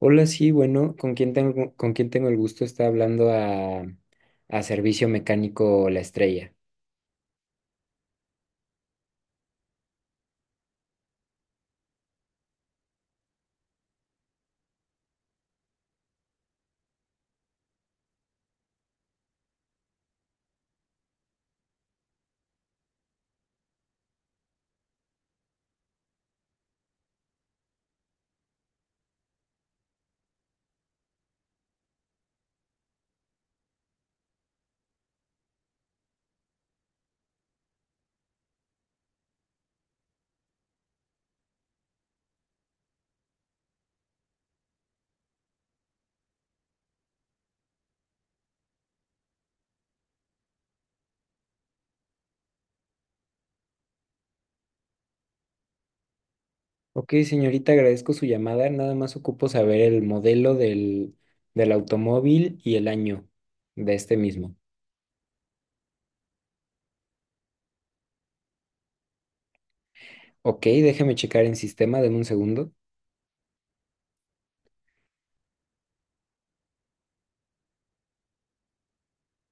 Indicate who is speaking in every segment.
Speaker 1: Hola, sí, bueno, ¿con quién tengo el gusto? Está hablando a Servicio Mecánico La Estrella. Ok, señorita, agradezco su llamada. Nada más ocupo saber el modelo del automóvil y el año de este mismo. Ok, déjeme checar en sistema, deme un segundo.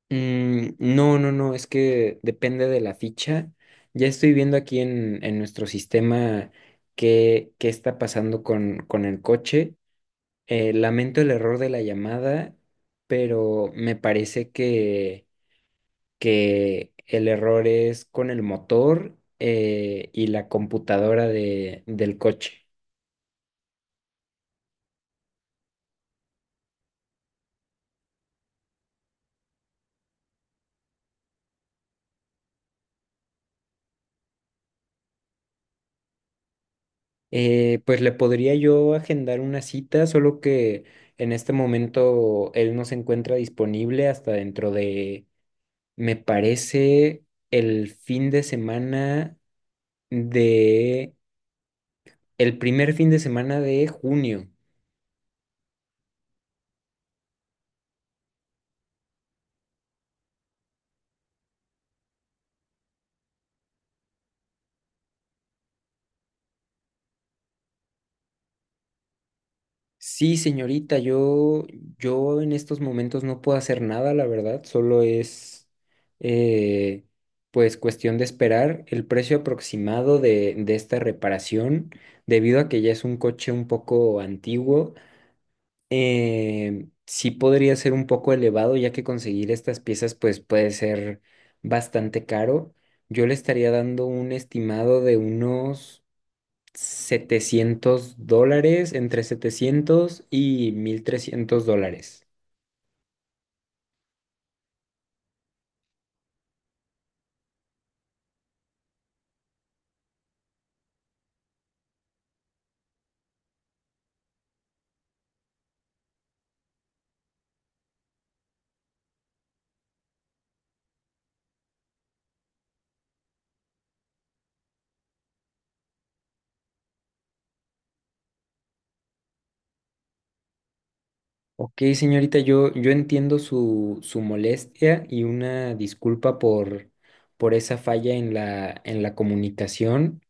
Speaker 1: Mm, no, no, no, es que depende de la ficha. Ya estoy viendo aquí en nuestro sistema qué está pasando con el coche. Lamento el error de la llamada, pero me parece que el error es con el motor y la computadora del coche. Pues le podría yo agendar una cita, solo que en este momento él no se encuentra disponible hasta dentro de, me parece, el fin de semana de, el primer fin de semana de junio. Sí, señorita, yo en estos momentos no puedo hacer nada, la verdad, solo es eh, pues cuestión de esperar el precio aproximado de esta reparación, debido a que ya es un coche un poco antiguo, sí podría ser un poco elevado, ya que conseguir estas piezas pues puede ser bastante caro. Yo le estaría dando un estimado de unos $700, entre 700 y $1,300. Ok, señorita, yo entiendo su molestia y una disculpa por esa falla en la comunicación,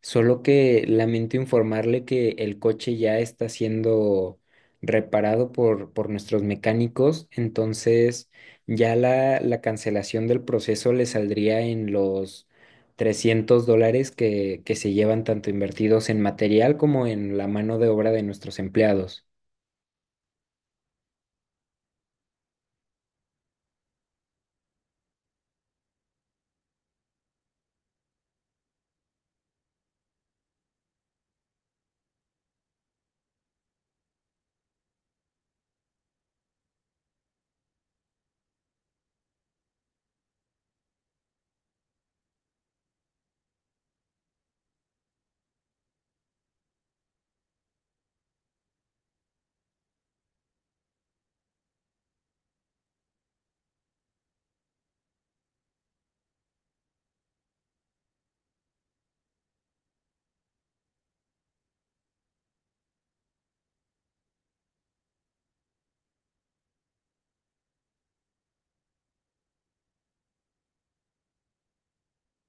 Speaker 1: solo que lamento informarle que el coche ya está siendo reparado por nuestros mecánicos. Entonces ya la cancelación del proceso le saldría en los $300 que se llevan tanto invertidos en material como en la mano de obra de nuestros empleados.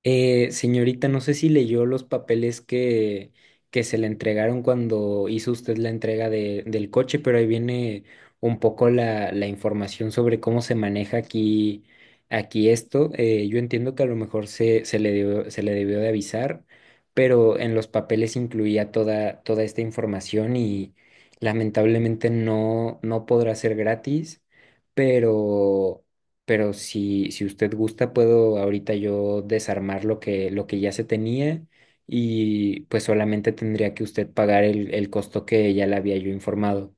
Speaker 1: Señorita, no sé si leyó los papeles que se le entregaron cuando hizo usted la entrega del coche, pero ahí viene un poco la información sobre cómo se maneja aquí esto. Yo entiendo que a lo mejor se le debió de avisar, pero en los papeles incluía toda esta información y lamentablemente no, no podrá ser gratis, pero pero si usted gusta, puedo ahorita yo desarmar lo que ya se tenía y pues solamente tendría que usted pagar el costo que ya le había yo informado.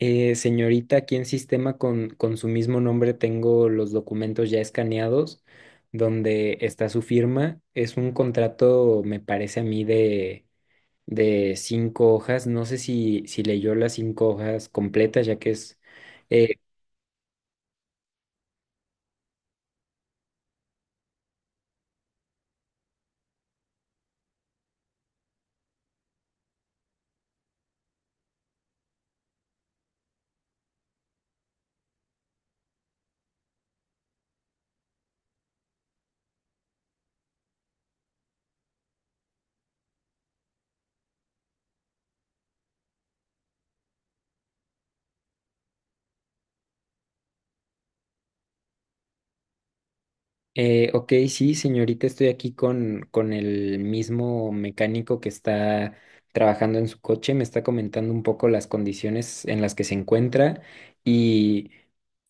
Speaker 1: Señorita, aquí en sistema con su mismo nombre tengo los documentos ya escaneados donde está su firma. Es un contrato, me parece a mí, de cinco hojas. No sé si leyó las cinco hojas completas, ya que es... eh, ok, sí, señorita, estoy aquí con el mismo mecánico que está trabajando en su coche. Me está comentando un poco las condiciones en las que se encuentra y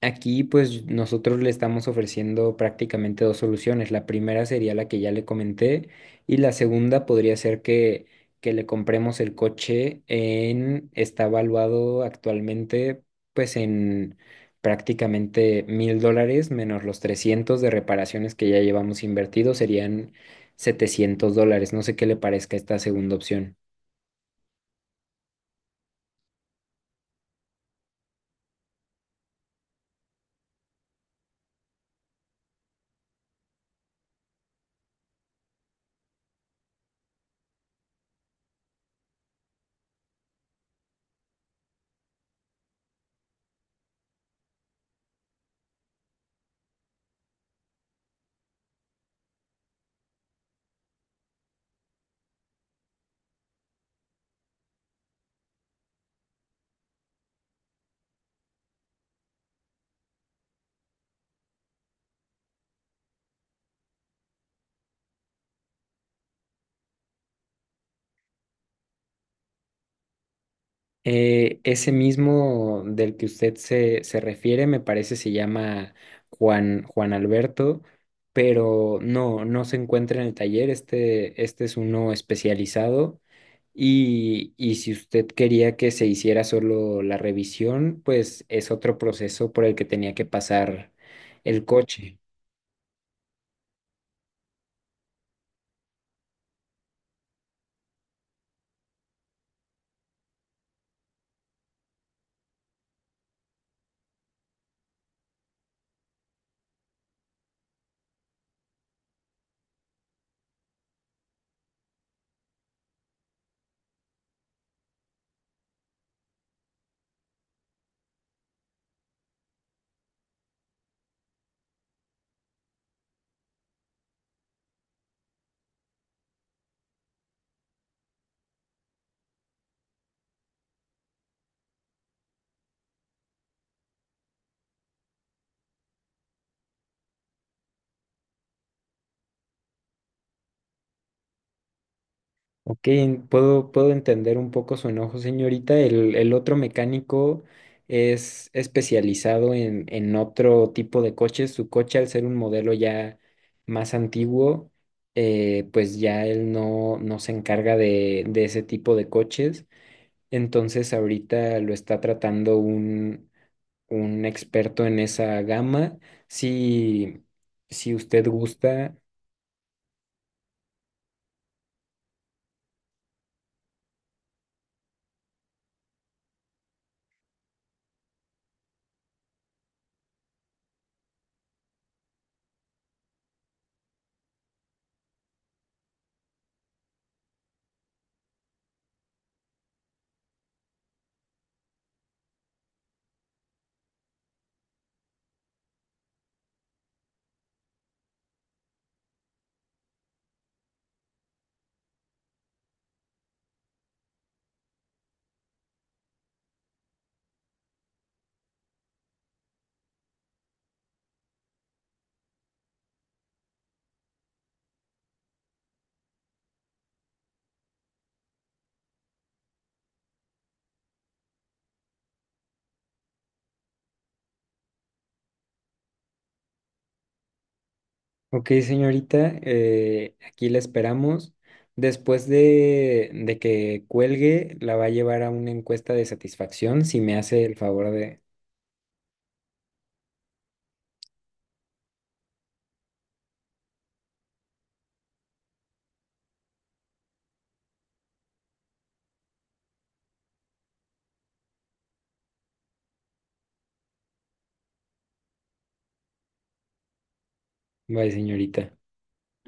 Speaker 1: aquí pues nosotros le estamos ofreciendo prácticamente dos soluciones. La primera sería la que ya le comenté y la segunda podría ser que, que le compremos el coche. Está evaluado actualmente pues en prácticamente $1,000 menos los 300 de reparaciones que ya llevamos invertidos. Serían $700. No sé qué le parezca esta segunda opción. Ese mismo del que usted se refiere, me parece, se llama Juan Alberto, pero no, no se encuentra en el taller. Este es uno especializado. Y si usted quería que se hiciera solo la revisión, pues es otro proceso por el que tenía que pasar el coche. Ok, puedo entender un poco su enojo, señorita. El otro mecánico es especializado en otro tipo de coches. Su coche, al ser un modelo ya más antiguo, pues ya él no, no se encarga de ese tipo de coches. Entonces ahorita lo está tratando un experto en esa gama. Si, si usted gusta. Ok, señorita, aquí la esperamos. Después de que cuelgue, la va a llevar a una encuesta de satisfacción, si me hace el favor de... Bye, señorita.